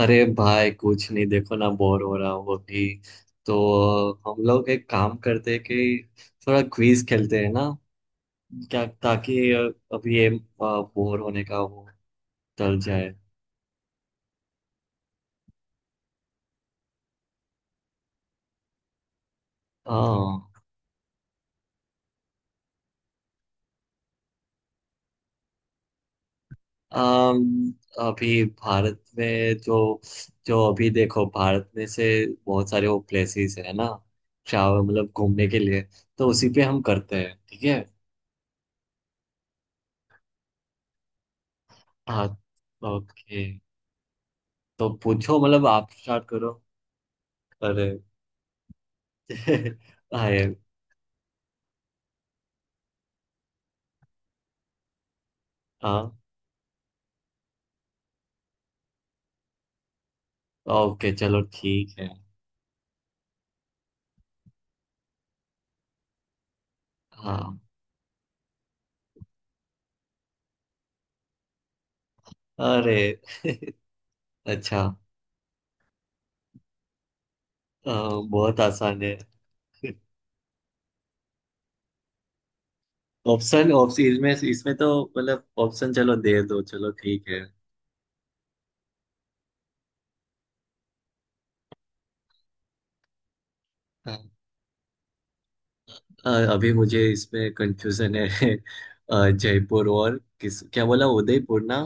अरे भाई कुछ नहीं, देखो ना, बोर हो रहा हूँ अभी। तो हम लोग एक काम करते हैं कि थोड़ा क्विज खेलते हैं ना, क्या, ताकि अभी ये बोर होने का वो टल जाए। हाँ। अम, अभी भारत में जो जो अभी देखो भारत में से बहुत सारे वो प्लेसेस है ना, ट्रैवल मतलब घूमने के लिए, तो उसी पे हम करते हैं, ठीक है। हाँ। ओके, तो पूछो, मतलब आप स्टार्ट करो। अरे आए। हाँ। ओके चलो ठीक है। हाँ। अरे। अच्छा। अ, बहुत आसान है। ऑप्शन ऑप्शन इसमें इसमें तो मतलब, ऑप्शन चलो दे दो, चलो ठीक है। हाँ। अभी मुझे इसमें कंफ्यूजन है। जयपुर और किस, क्या बोला, उदयपुर ना।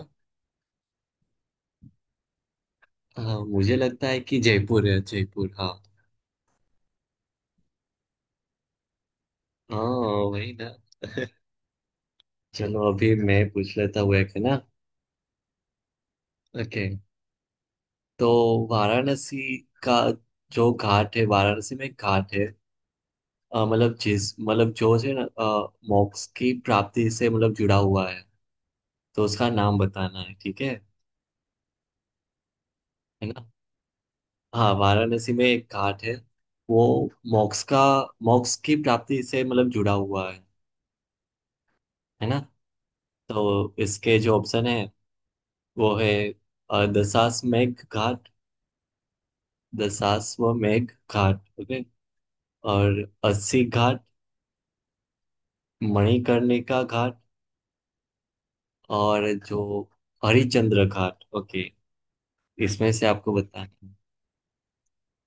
हाँ मुझे लगता है कि जयपुर है, जयपुर, हाँ। हाँ। वही ना। चलो अभी मैं पूछ लेता हूँ एक, है ना। ओके। तो वाराणसी का जो घाट है, वाराणसी में एक घाट है, मतलब जिस मतलब जो है ना, मोक्ष की प्राप्ति से मतलब जुड़ा हुआ है, तो उसका नाम बताना है, ठीक है ना। हाँ वाराणसी में एक घाट है, वो मोक्ष का, मोक्ष की प्राप्ति से मतलब जुड़ा हुआ है ना। तो इसके जो ऑप्शन है वो है, दशाश्वमेध घाट, दशाश्वमेध घाट, ओके, और अस्सी घाट, मणिकर्णिका घाट, और जो हरिश्चंद्र घाट, ओके, इसमें से आपको बताना है।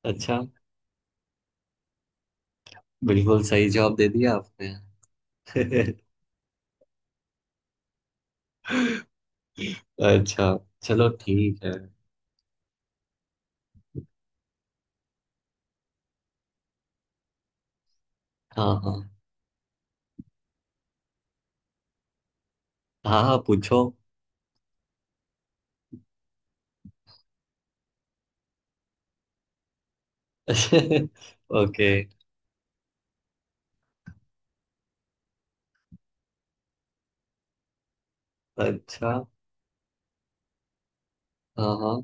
अच्छा। बिल्कुल सही जवाब दे दिया आपने। अच्छा, चलो ठीक है। हाँ हाँ। हाँ हाँ पूछो। ओके। अच्छा। हाँ हाँ।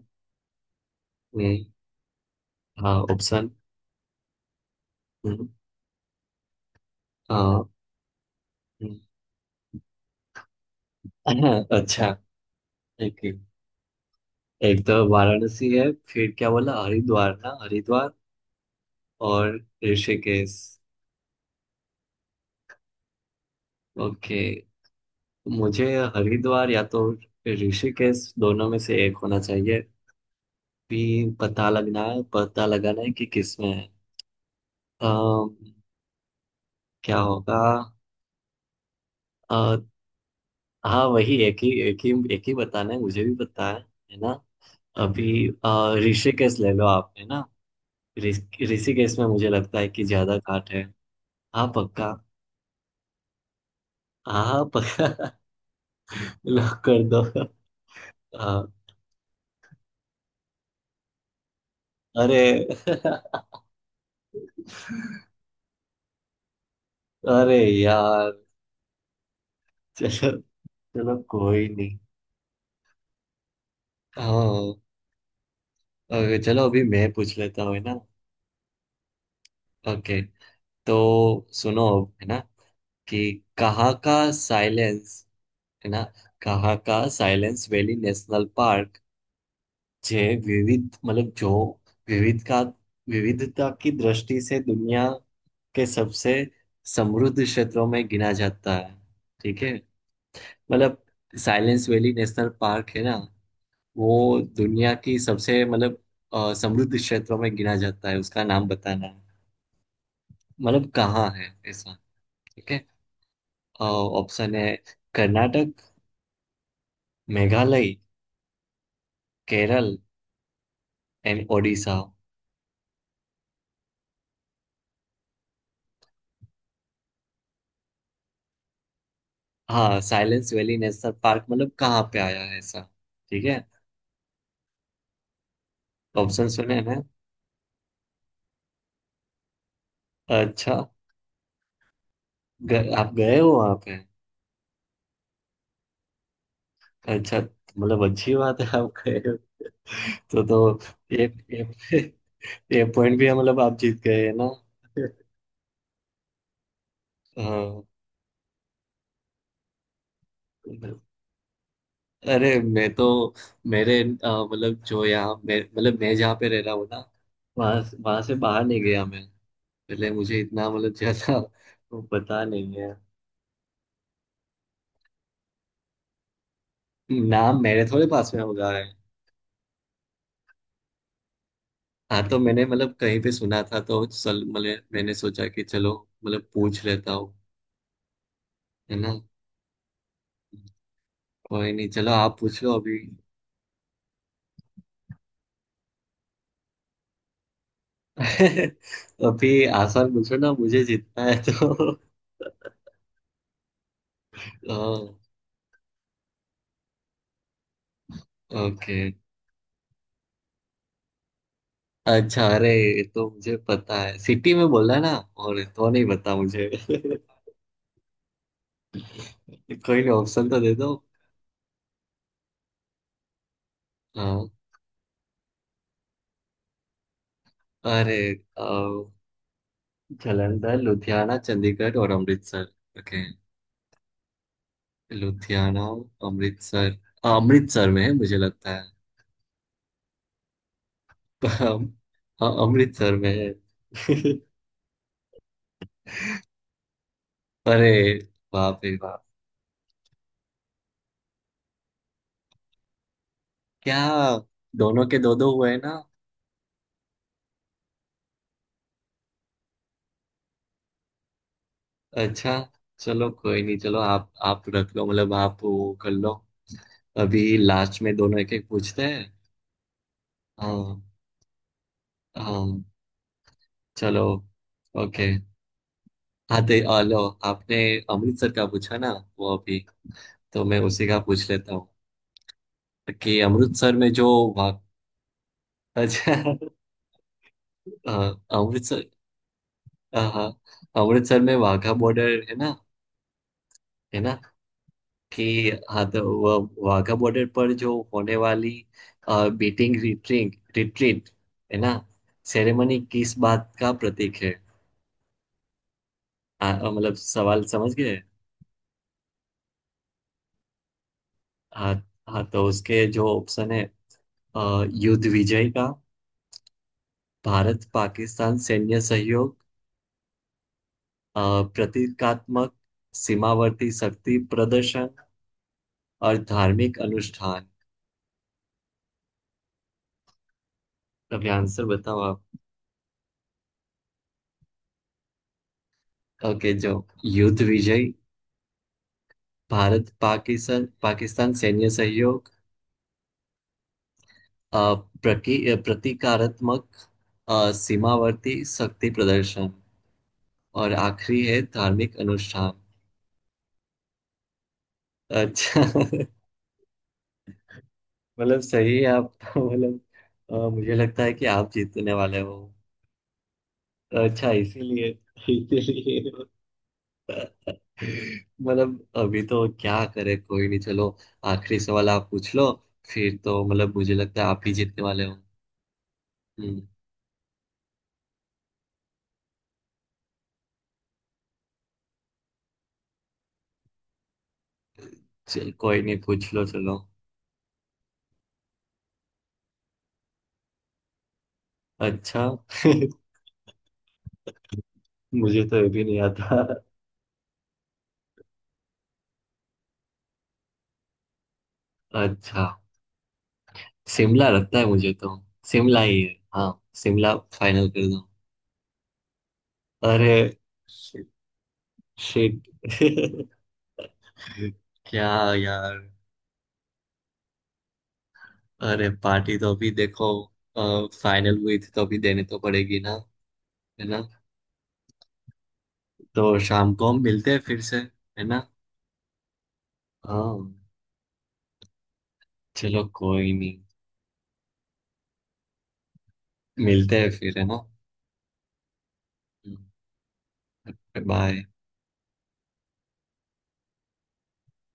हम्म। हाँ, ऑप्शन। हम्म। हाँ। हम्म। अच्छा। एक, एक तो वाराणसी है, फिर क्या बोला, हरिद्वार ना, हरिद्वार, और ऋषिकेश। ओके। मुझे हरिद्वार या तो ऋषिकेश, दोनों में से एक होना चाहिए भी। पता लगना है, पता लगाना है कि किस में है। अम, क्या होगा। अ, हाँ वही, एक ही बताना है, मुझे भी पता है ना। अभी ऋषिकेश ले लो आप, है ना। ऋषिकेश में मुझे लगता है कि ज्यादा घाट है। हाँ पक्का। हाँ हाँ, पक्का। लॉक कर दो। हाँ। अरे। अरे यार। चलो, चलो कोई नहीं। हाँ। ओके चलो अभी मैं पूछ लेता हूँ, है ना। ओके। तो सुनो अब, है ना, कि कहाँ का साइलेंस, है ना, कहाँ का साइलेंस वैली नेशनल पार्क, जे विविध, मतलब जो विविध का, विविधता की दृष्टि से दुनिया के सबसे समृद्ध क्षेत्रों में गिना जाता है, ठीक है। मतलब साइलेंस वैली नेशनल पार्क, है ना, वो दुनिया की सबसे, मतलब, समृद्ध क्षेत्रों में गिना जाता है, उसका नाम बताना है, मतलब कहाँ है ऐसा, ठीक है। ऑप्शन है, कर्नाटक, मेघालय, केरल एंड ओडिशा। हाँ साइलेंस वैली नेशनल पार्क, मतलब कहाँ पे आया है ऐसा, ठीक है, ऑप्शन सुने हैं। अच्छा। ग, आप गए हो वहाँ पे। अच्छा, मतलब अच्छी बात है आप गए हो। तो ये ये, ये पॉइंट भी है, मतलब आप जीत गए, है ना। हाँ। अरे मैं तो, मेरे मतलब जो यहाँ मैं, मतलब मैं जहाँ पे रह रहा हूँ ना, वहाँ वहाँ से बाहर नहीं गया मैं। पहले मुझे इतना, मतलब ज्यादा वो पता नहीं है। नाम मेरे थोड़े पास में होगा, है। हाँ तो मैंने मतलब कहीं पे सुना था, तो सल मतलब मैंने सोचा कि चलो मतलब पूछ लेता हूँ, है ना। कोई नहीं, चलो आप पूछ लो अभी। अभी आसान पूछो ना, मुझे जीतना है तो। ओके। अच्छा अरे ये तो मुझे पता है, सिटी में बोला ना, और तो नहीं पता मुझे। कोई नहीं, ऑप्शन तो दे दो। हाँ। अरे। अ, जालंधर, लुधियाना, चंडीगढ़ और अमृतसर, ओके। लुधियाना, अमृतसर, हाँ, अमृतसर में है मुझे लगता है। हम- हाँ अमृतसर में है। अरे बाप रे बाप। क्या, दोनों के दो दो हुए ना। अच्छा, चलो कोई नहीं, चलो आप रख लो, मतलब आप वो कर लो। अभी लास्ट में दोनों एक एक पूछते हैं। हाँ। हाँ। चलो। ओके। हाँ तो आ लो, आपने अमृतसर का पूछा ना वो अभी, तो मैं उसी का पूछ लेता हूँ कि अमृतसर में जो वाघ, अच्छा, हाँ, अमृतसर। हाँ। अमृतसर में वाघा बॉर्डर है ना, है ना, कि, हाँ, तो वो वाघा बॉर्डर पर जो होने वाली बीटिंग रिट्रीट, है ना, सेरेमनी किस बात का प्रतीक है। मतलब सवाल समझ गए। हाँ। हाँ तो उसके जो ऑप्शन है, युद्ध विजय का, भारत पाकिस्तान सैन्य सहयोग, अ, प्रतीकात्मक सीमावर्ती शक्ति प्रदर्शन, और धार्मिक अनुष्ठान। अभी आंसर बताओ आप। ओके, जो युद्ध विजय, भारत पाकिस्तान पाकिस्तान सैन्य सहयोग, अ, प्रतीकात्मक, सीमावर्ती शक्ति प्रदर्शन, और आखिरी है धार्मिक अनुष्ठान। अच्छा। मतलब सही है आप। मतलब मुझे लगता है कि आप जीतने वाले हो। तो अच्छा इसीलिए, इसीलिए मतलब अभी तो क्या करे, कोई नहीं, चलो आखिरी सवाल आप पूछ लो, फिर तो मतलब मुझे लगता है आप ही जीतने वाले हो। हम्म। चल, कोई नहीं, पूछ लो चलो। अच्छा। मुझे तो ये भी नहीं आता। अच्छा, शिमला लगता है मुझे तो, शिमला ही है हाँ, शिमला फाइनल कर दो। अरे शिट। क्या यार। अरे पार्टी तो अभी देखो, फाइनल हुई थी तो अभी देनी तो पड़ेगी ना, है ना, तो शाम को हम मिलते हैं फिर से, है ना। हाँ, चलो कोई नहीं, मिलते हैं फिर, है ना। बाय।